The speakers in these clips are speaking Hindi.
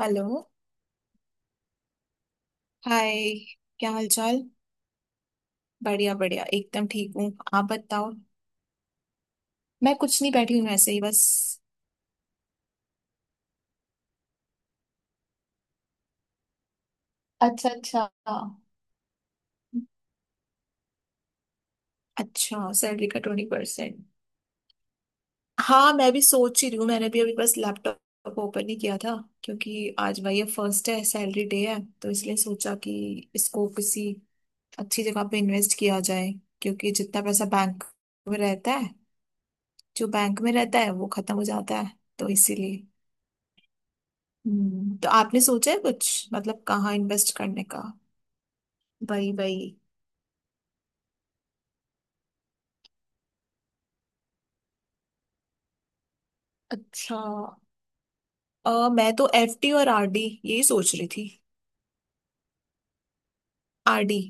हेलो। हाय। क्या हाल चाल? बढ़िया बढ़िया, एकदम ठीक हूँ। आप बताओ। मैं कुछ नहीं, बैठी हूँ ऐसे ही बस। अच्छा अच्छा। अच्छा, सैलरी का 20%? हाँ, मैं भी सोच ही रही हूँ। मैंने भी अभी बस लैपटॉप ओपन ही किया था। क्योंकि आज भाई ये फर्स्ट है, सैलरी डे है, तो इसलिए सोचा कि इसको किसी अच्छी जगह पे इन्वेस्ट किया जाए। क्योंकि जितना पैसा बैंक में रहता है जो बैंक में रहता है वो खत्म हो जाता है, तो इसीलिए। तो आपने सोचा है कुछ, मतलब कहाँ इन्वेस्ट करने का? वही वही। अच्छा। मैं तो एफडी और आरडी यही सोच रही थी। आरडी।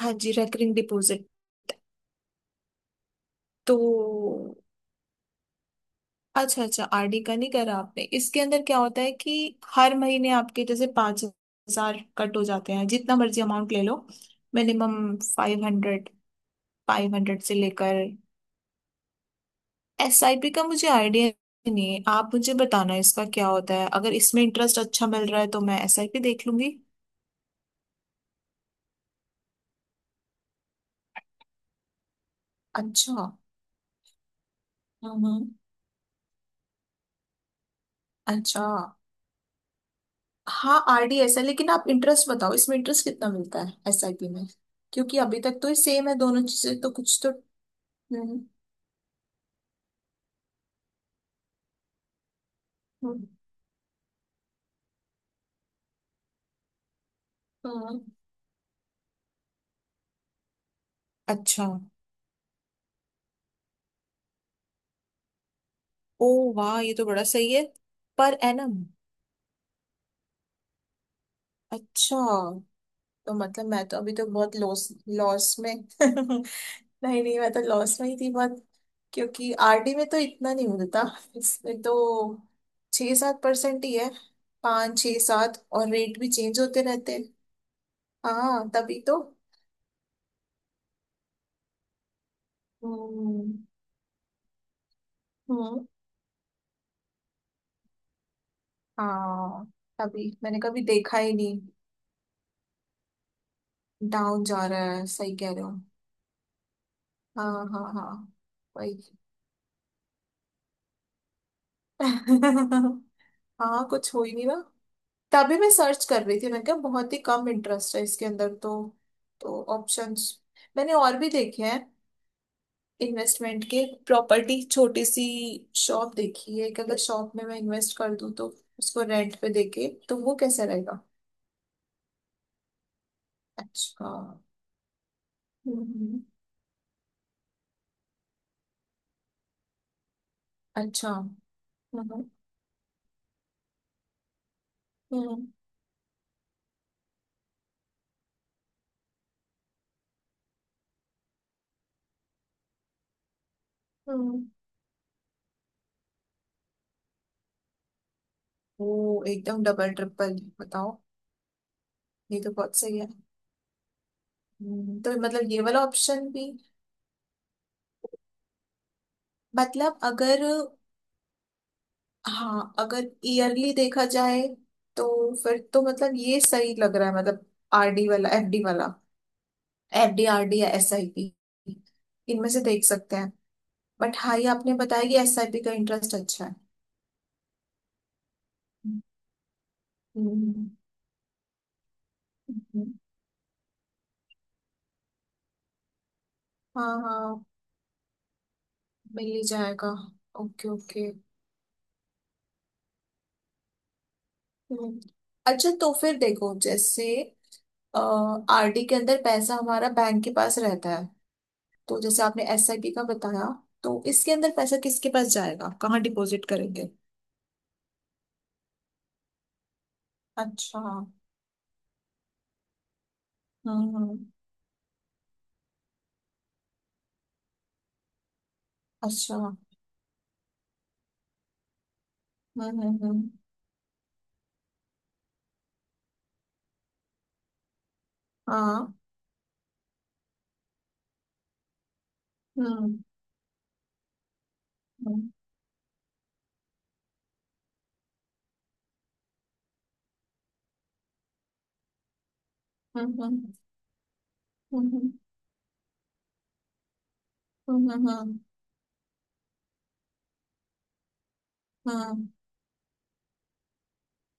हाँ जी, रेकरिंग डिपॉजिट। तो अच्छा अच्छा, आरडी का नहीं करा आपने। इसके अंदर क्या होता है कि हर महीने आपके जैसे 5,000 कट हो जाते हैं, जितना मर्जी अमाउंट ले लो। मिनिमम 500। फाइव हंड्रेड से लेकर। एसआईपी का मुझे आइडिया नहीं है। आप मुझे बताना इसका क्या होता है। अगर इसमें इंटरेस्ट अच्छा मिल रहा है तो मैं एसआईपी देख लूंगी। अच्छा। हम्म। अच्छा। हाँ, आरडीएस है, लेकिन आप इंटरेस्ट बताओ, इसमें इंटरेस्ट कितना मिलता है एसआईपी में? क्योंकि अभी तक तो ये सेम है दोनों चीजें, तो कुछ तो। हम्म हम्म, हम्म। अच्छा। ओ, वाह, ये तो बड़ा सही है। Per annum. अच्छा, तो मतलब मैं तो अभी तो बहुत लॉस, लॉस में। नहीं नहीं, मैं तो लॉस में ही थी बहुत। क्योंकि आरडी में तो इतना नहीं मिलता, इसमें तो। 6-7% ही है। पाँच छः सात, और रेट भी चेंज होते रहते हैं। हाँ, तभी तो। हम्म हम्म, हाँ तभी मैंने कभी देखा ही नहीं। डाउन जा रहा है, सही कह रहे हो। हाँ हाँ हाँ, वही। हाँ, कुछ हो ही नहीं ना। तभी मैं सर्च कर रही थी, मैंने कहा बहुत ही कम इंटरेस्ट है इसके अंदर तो। तो ऑप्शंस मैंने और भी देखे हैं इन्वेस्टमेंट के। प्रॉपर्टी, छोटी सी शॉप देखी है कि अगर शॉप में मैं इन्वेस्ट कर दूं तो उसको रेंट पे देके तो वो कैसा रहेगा? अच्छा। हम्म। अच्छा। हम्म हम्म हम्म। वो एकदम डबल ट्रिपल, बताओ। ये तो बहुत सही है। तो मतलब ये वाला ऑप्शन भी, मतलब अगर, हाँ अगर ईयरली देखा जाए तो फिर तो मतलब ये सही लग रहा है, मतलब आरडी वाला, एफडी वाला, एफडी आरडी या एसआईपी, इनमें से देख सकते हैं। बट हाँ, ये आपने बताया कि एसआईपी का इंटरेस्ट अच्छा है। हम्म, हम्म। हाँ हाँ, मिल ही जाएगा। Okay okay. हम्म। अच्छा, तो फिर देखो, जैसे आरडी के अंदर पैसा हमारा बैंक के पास रहता है, तो जैसे आपने एसआईपी का बताया, तो इसके अंदर पैसा किसके पास जाएगा? कहाँ डिपॉजिट करेंगे? अच्छा। हम्म हम्म, अच्छा। हम्म हम्म, हाँ। हम्म हम्म हम्म हम्म हम्म हम्म हम्म हम्म, हम्म,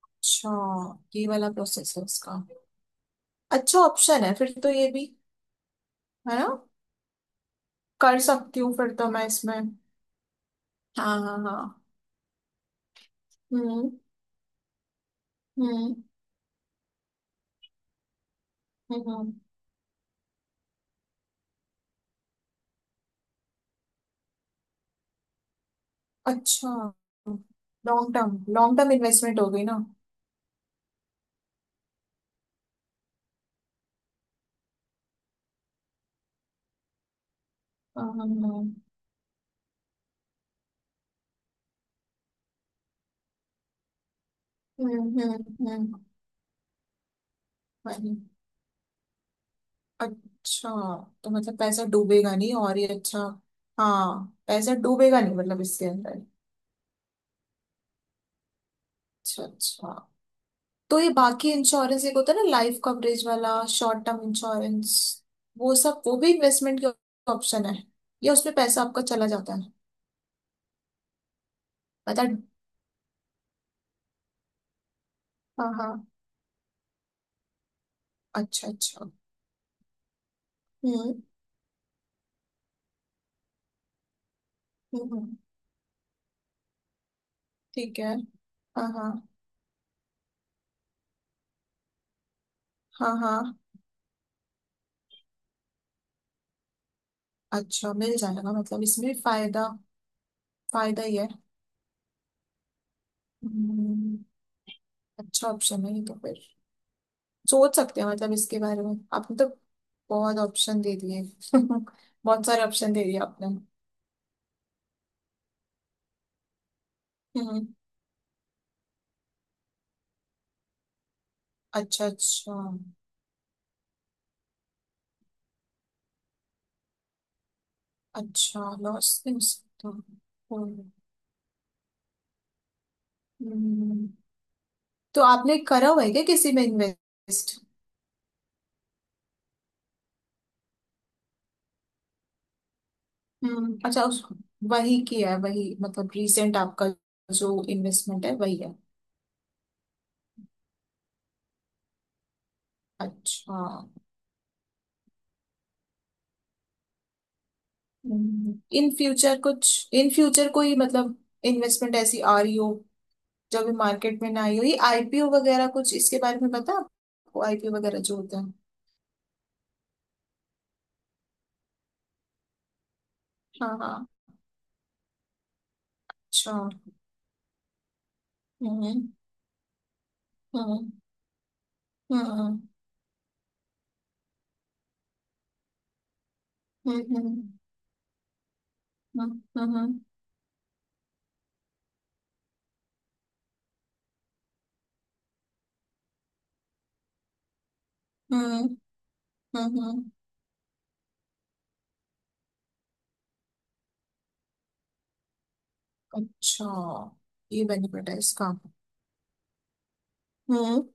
अच्छा, ये वाला प्रोसेस है उसका। अच्छा ऑप्शन है फिर तो ये भी, है ना? कर सकती हूँ फिर तो मैं इसमें। हाँ हाँ हाँ। हम्म हम्म हम्म हम्म। अच्छा, लॉन्ग टर्म इन्वेस्टमेंट हो गई ना। हाँ हाँ, हाँ। हम्म। वही। अच्छा, तो मतलब पैसा डूबेगा नहीं, और ये अच्छा। हाँ, पैसा डूबेगा नहीं मतलब इसके अंदर। अच्छा अच्छा, तो ये बाकी इंश्योरेंस एक होता है ना, लाइफ कवरेज वाला, शॉर्ट टर्म इंश्योरेंस, वो सब वो भी इन्वेस्टमेंट के ऑप्शन है, या उसमें पैसा आपका चला जाता है? पता। हाँ हाँ। अच्छा अच्छा। हम्म हम्म हम्म, ठीक है। हाँ हाँ हाँ हाँ। अच्छा, मिल जाएगा मतलब इसमें भी फायदा, फायदा ही है। हम्म, अच्छा ऑप्शन है ये तो फिर, सोच सकते हैं मतलब इसके बारे में। आपने तो बहुत ऑप्शन दे दिए, बहुत सारे ऑप्शन दे दिए आपने। हम्म। अच्छा अच्छा अच्छा, लॉस में हो सकता हूँ। हम्म, तो आपने करा हुआ है क्या किसी में इन्वेस्ट? हम्म, अच्छा। उस वही किया है वही, मतलब रिसेंट आपका जो इन्वेस्टमेंट है वही है। अच्छा। इन फ्यूचर कोई, मतलब इन्वेस्टमेंट ऐसी आ रही हो जो अभी मार्केट में ना आई हो, ये आईपीओ वगैरह कुछ इसके बारे में पता है आपको? आईपीओ वगैरह जो होता है। हाँ हाँ। अच्छा। हम्म हम्म हम्म हम्म हम्म हम्म हम्म, हम्म, हम्म हम्म हम्म, अच्छा, ये बेनिफिट है इसका। हम्म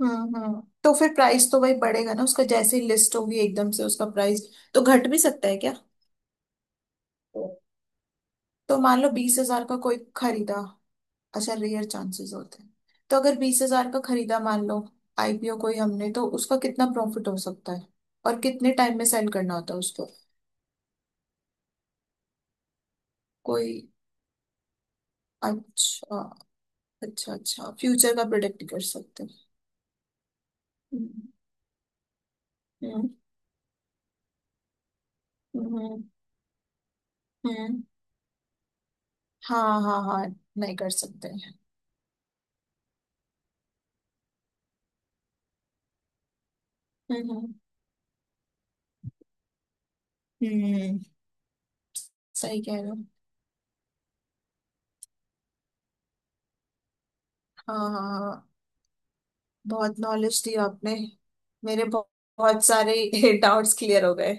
हम्म, तो फिर प्राइस तो वही बढ़ेगा ना उसका जैसे ही लिस्ट होगी एकदम से उसका प्राइस। तो घट भी सकता है क्या? तो मान लो 20,000 का कोई खरीदा। अच्छा, रेयर चांसेस होते हैं। तो अगर 20,000 का खरीदा मान लो, आईपीओ कोई हमने, तो उसका कितना प्रॉफिट हो सकता है? और कितने टाइम में सेल करना होता है उसको? कोई। अच्छा अच्छा अच्छा, फ्यूचर का प्रोडिक्ट कर सकते हैं। हम्म हम्म हम्म हम्म। हाँ हाँ हाँ, नहीं कर सकते। हम्म हम्म हम्म, सही कह रहे हो। हाँ हाँ हाँ, बहुत नॉलेज दी आपने। मेरे बहुत, बहुत सारे डाउट्स क्लियर हो गए।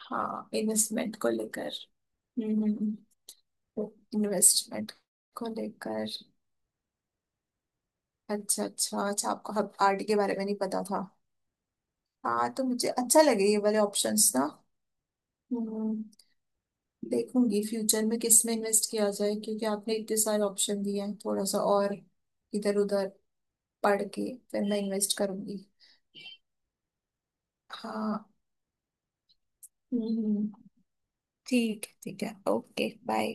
हाँ, हम्म इन्वेस्टमेंट को लेकर, अच्छा अच्छा अच्छा, आपको हब आर्ट के बारे में नहीं पता था। हाँ, तो मुझे अच्छा लगे ये वाले ऑप्शंस ना। हम्म, देखूंगी फ्यूचर में किस में इन्वेस्ट किया जाए क्योंकि आपने इतने सारे ऑप्शन दिए हैं। थोड़ा सा और इधर उधर पढ़ के फिर मैं इन्वेस्ट करूंगी। हाँ। हम्म, ठीक है ठीक है, ओके। बाय।